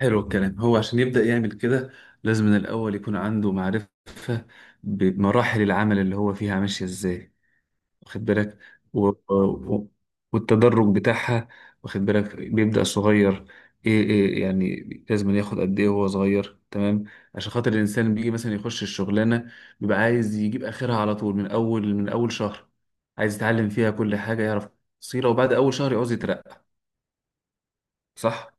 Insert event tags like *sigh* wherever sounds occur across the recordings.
حلو الكلام. هو عشان يبدأ يعمل كده لازم من الأول يكون عنده معرفة بمراحل العمل اللي هو فيها ماشية إزاي، واخد بالك؟ و... و... والتدرج بتاعها، واخد بالك؟ بيبدأ صغير. إيه يعني لازم ياخد قد إيه وهو صغير، تمام؟ عشان خاطر الإنسان بيجي مثلا يخش الشغلانة، بيبقى عايز يجيب آخرها على طول من أول شهر، عايز يتعلم فيها كل حاجة، يعرف تفصيلة، وبعد أول شهر يعوز يترقى. صح؟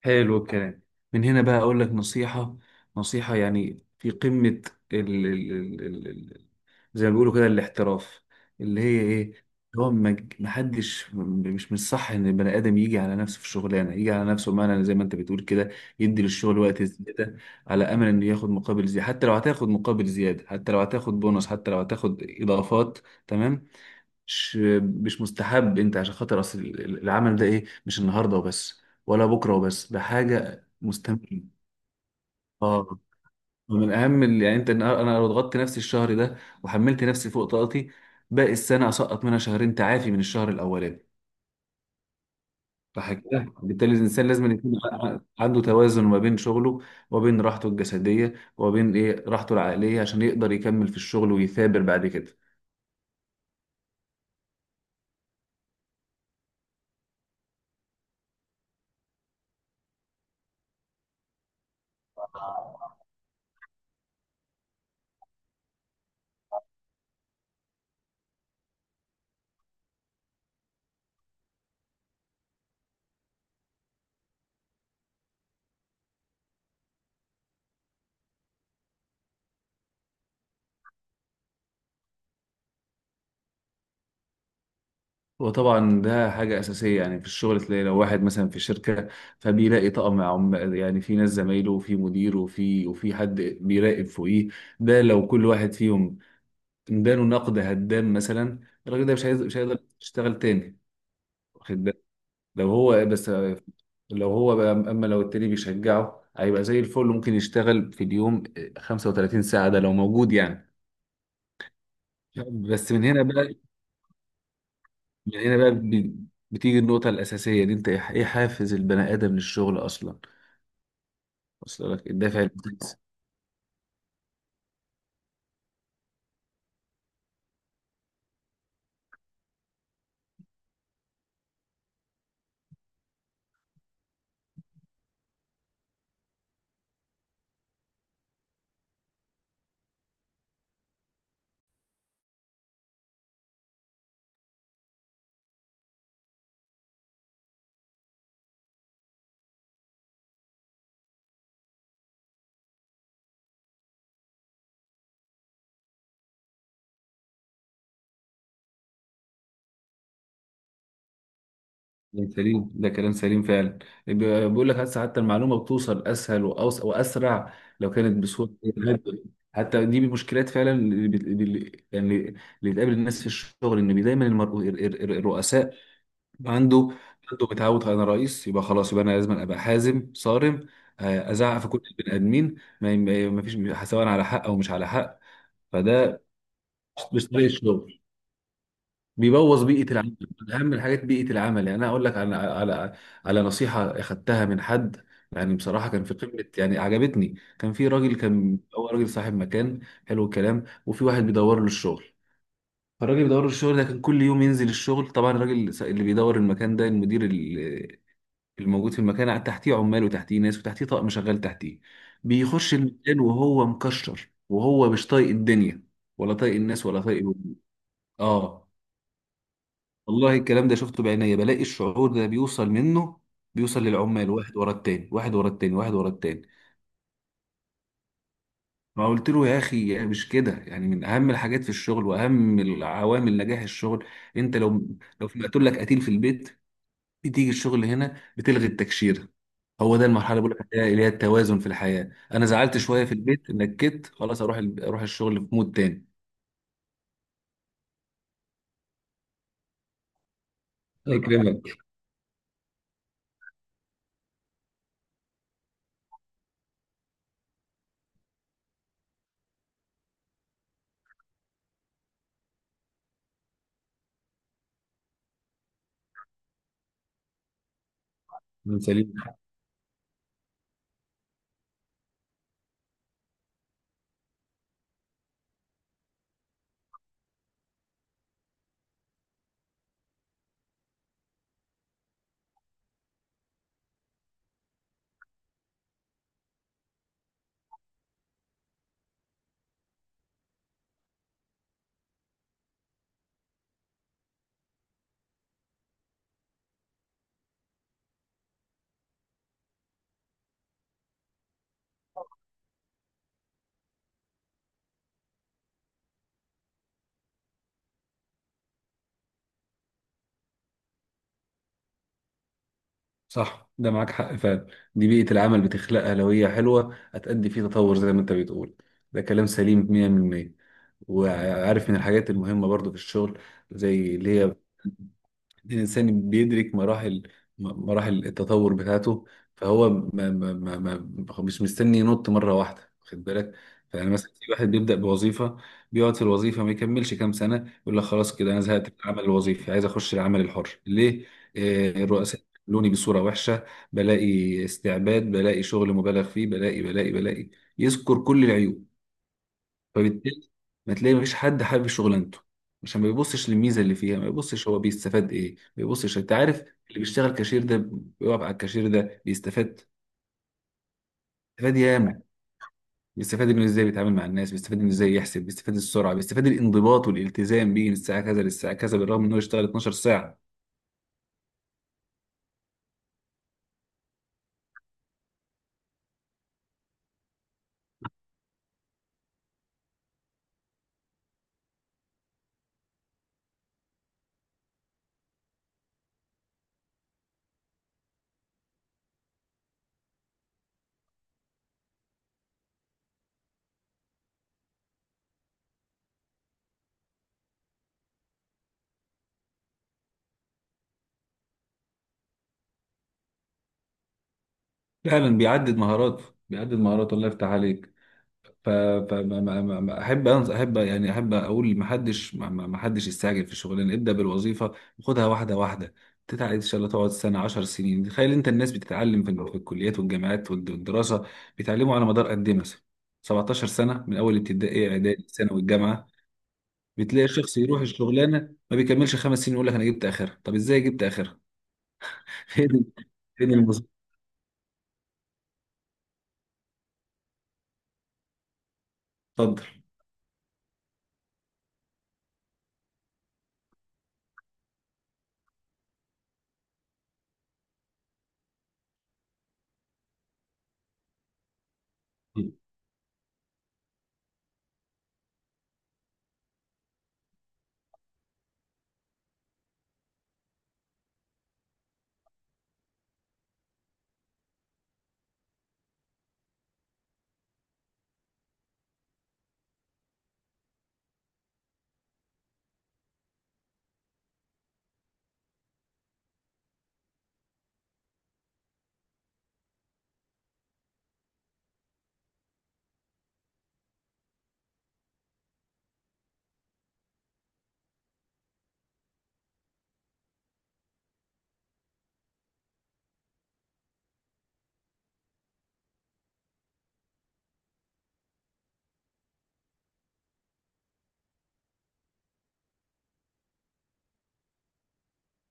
حلو الكلام. من هنا بقى اقول لك نصيحة، نصيحة يعني في قمة ال ال ال ال ال زي ما بيقولوا كده الاحتراف، اللي هي ايه. هو ما حدش، مش من الصح ان البني ادم يجي على نفسه في الشغلانه، يجي على نفسه بمعنى زي ما انت بتقول كده، يدي للشغل وقت زياده على امل انه ياخد مقابل زياده، حتى لو هتاخد مقابل زياده، حتى لو هتاخد بونص، حتى لو هتاخد اضافات، تمام؟ مش مش مستحب، انت عشان خاطر اصل العمل ده ايه؟ مش النهارده وبس ولا بكره وبس، ده حاجه مستمره. اه. ومن اهم ال- يعني انت أنا لو ضغطت نفسي الشهر ده وحملت نفسي فوق طاقتي، باقي السنه اسقط منها شهرين تعافي من الشهر الاولاني. صح كده؟ بالتالي الانسان لازم يكون عنده توازن ما بين شغله وبين راحته الجسديه وبين ايه راحته العقليه، عشان يقدر يكمل في الشغل ويثابر بعد كده. وطبعا ده حاجة أساسية. يعني في الشغل تلاقي لو واحد مثلا في شركة، فبيلاقي طقم عم، يعني في ناس زمايله وفي مدير وفي وفي حد بيراقب فوقيه، ده لو كل واحد فيهم اداله نقد هدام مثلا، الراجل ده مش هيقدر يشتغل تاني، واخد بالك؟ لو هو بس، لو هو بقى، أما لو التاني بيشجعه هيبقى زي الفل، ممكن يشتغل في اليوم 35 ساعة ده لو موجود يعني. بس من هنا بقى من هنا بقى بي- بتيجي النقطة الأساسية دي. أنت إيه حافز البني آدم للشغل أصلا؟ أصل لك الدافع الأساسي. كلام سليم، ده كلام سليم فعلا. بي- بيقول لك هسه حتى المعلومة بتوصل أسهل وأسرع لو كانت بسهولة. حتى دي من المشكلات فعلا، اللي يعني اللي بتقابل الناس في الشغل، إن دايما الرؤساء عنده عنده متعود، أنا رئيس يبقى خلاص، يبقى أنا لازم أبقى حازم صارم. أزعق في كل البني آدمين. ما فيش، سواء على حق أو مش على حق. فده مش طريق الشغل، بيبوظ بيئه العمل. من اهم الحاجات بيئه العمل. يعني انا اقول لك على نصيحه اخدتها من حد، يعني بصراحه كان في قمه، يعني عجبتني. كان في راجل، كان هو راجل صاحب مكان. حلو الكلام. وفي واحد بيدور له الشغل، فالراجل بيدور له الشغل ده كان كل يوم ينزل الشغل، طبعا الراجل اللي بيدور المكان ده المدير الموجود في المكان، قاعد تحتيه عمال وتحتيه ناس وتحتيه طقم شغال تحتيه، بيخش المكان وهو مكشر وهو مش طايق الدنيا ولا طايق الناس ولا طايق. اه. والله الكلام ده شفته بعينيا، بلاقي الشعور ده بيوصل منه، بيوصل للعمال واحد ورا التاني، واحد ورا التاني، واحد ورا التاني. فقلت له يا اخي، يعني مش كده. يعني من اهم الحاجات في الشغل واهم العوامل نجاح الشغل، انت لو لو في مقتول لك قتيل في البيت، بتيجي الشغل هنا بتلغي التكشيره. هو ده المرحله اللي بقول لك عليها، اللي هي التوازن في الحياه. انا زعلت شويه في البيت، نكت خلاص، اروح الشغل في مود تاني. الله يكرمك. من سليم. صح، ده معاك حق فعلا. دي بيئة العمل بتخلقها، لو هي حلوة هتأدي فيه تطور زي ما انت بتقول. ده كلام سليم 100%. وعارف من الحاجات المهمة برضو في الشغل، زي اللي هي الإنسان بيدرك مراحل مراحل التطور بتاعته، فهو ما ما ما ما مش مستني ينط مرة واحدة، واخد بالك؟ فأنا مثلا في واحد بيبدأ بوظيفة، بيقعد في الوظيفة ما يكملش كام سنة، يقول لك خلاص كده أنا زهقت من العمل الوظيفي، عايز أخش العمل الحر. ليه؟ الرؤساء بيعاملوني بصورة وحشة، بلاقي استعباد، بلاقي شغل مبالغ فيه، بلاقي. يذكر كل العيوب. فبالتالي ما تلاقي مفيش حد حابب شغلانته، عشان ما بيبصش للميزه اللي فيها، ما بيبصش هو بيستفاد ايه، ما بيبصش، انت عارف؟ اللي بيشتغل كاشير ده، بيقف على الكاشير ده بيستفاد، بيستفاد ياما، بيستفاد انه ازاي بيتعامل مع الناس، بيستفاد انه ازاي يحسب، بيستفاد السرعه، بيستفاد الانضباط والالتزام بيه من الساعه كذا للساعه كذا، بالرغم انه يشتغل 12 ساعه. فعلا بيعدد مهاراته. الله يفتح عليك. فاحب يعني احب اقول ما حدش يستعجل في الشغلانه ابدا، بالوظيفه. وخدها واحده واحده، تتعلم ان شاء الله، تقعد سنه، 10 سنين. تخيل انت، الناس بتتعلم في الكليات والجامعات والدراسه، بيتعلموا على مدار قد ايه مثلا؟ 17 سنه، من اول ابتدائي اعدادي ثانوي الجامعه. بتلاقي الشخص يروح الشغلانه ما بيكملش خمس سنين، يقول لك انا جبت اخرها. طب ازاي جبت اخرها؟ *laughs* فين، فين المظبوط؟ اتفضل.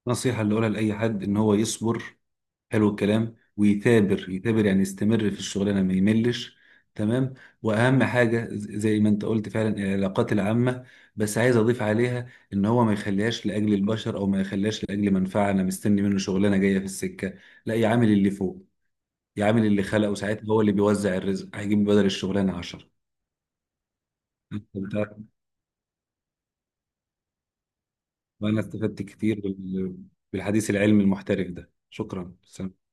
النصيحه اللي اقولها لاي حد ان هو يصبر. حلو الكلام. ويثابر، يثابر يعني، يستمر في الشغلانه ما يملش، تمام؟ واهم حاجه زي ما انت قلت فعلا، العلاقات العامه. بس عايز اضيف عليها ان هو ما يخليهاش لاجل البشر او ما يخليهاش لاجل منفعه، انا مستني منه شغلانه جايه في السكه. لا، يعامل اللي فوق، يعامل اللي خلقه، ساعتها هو اللي بيوزع الرزق، هيجيب بدل الشغلانه 10. انت بتعرف، وانا استفدت كتير بالحديث العلمي المحترف ده. شكرا. سلام.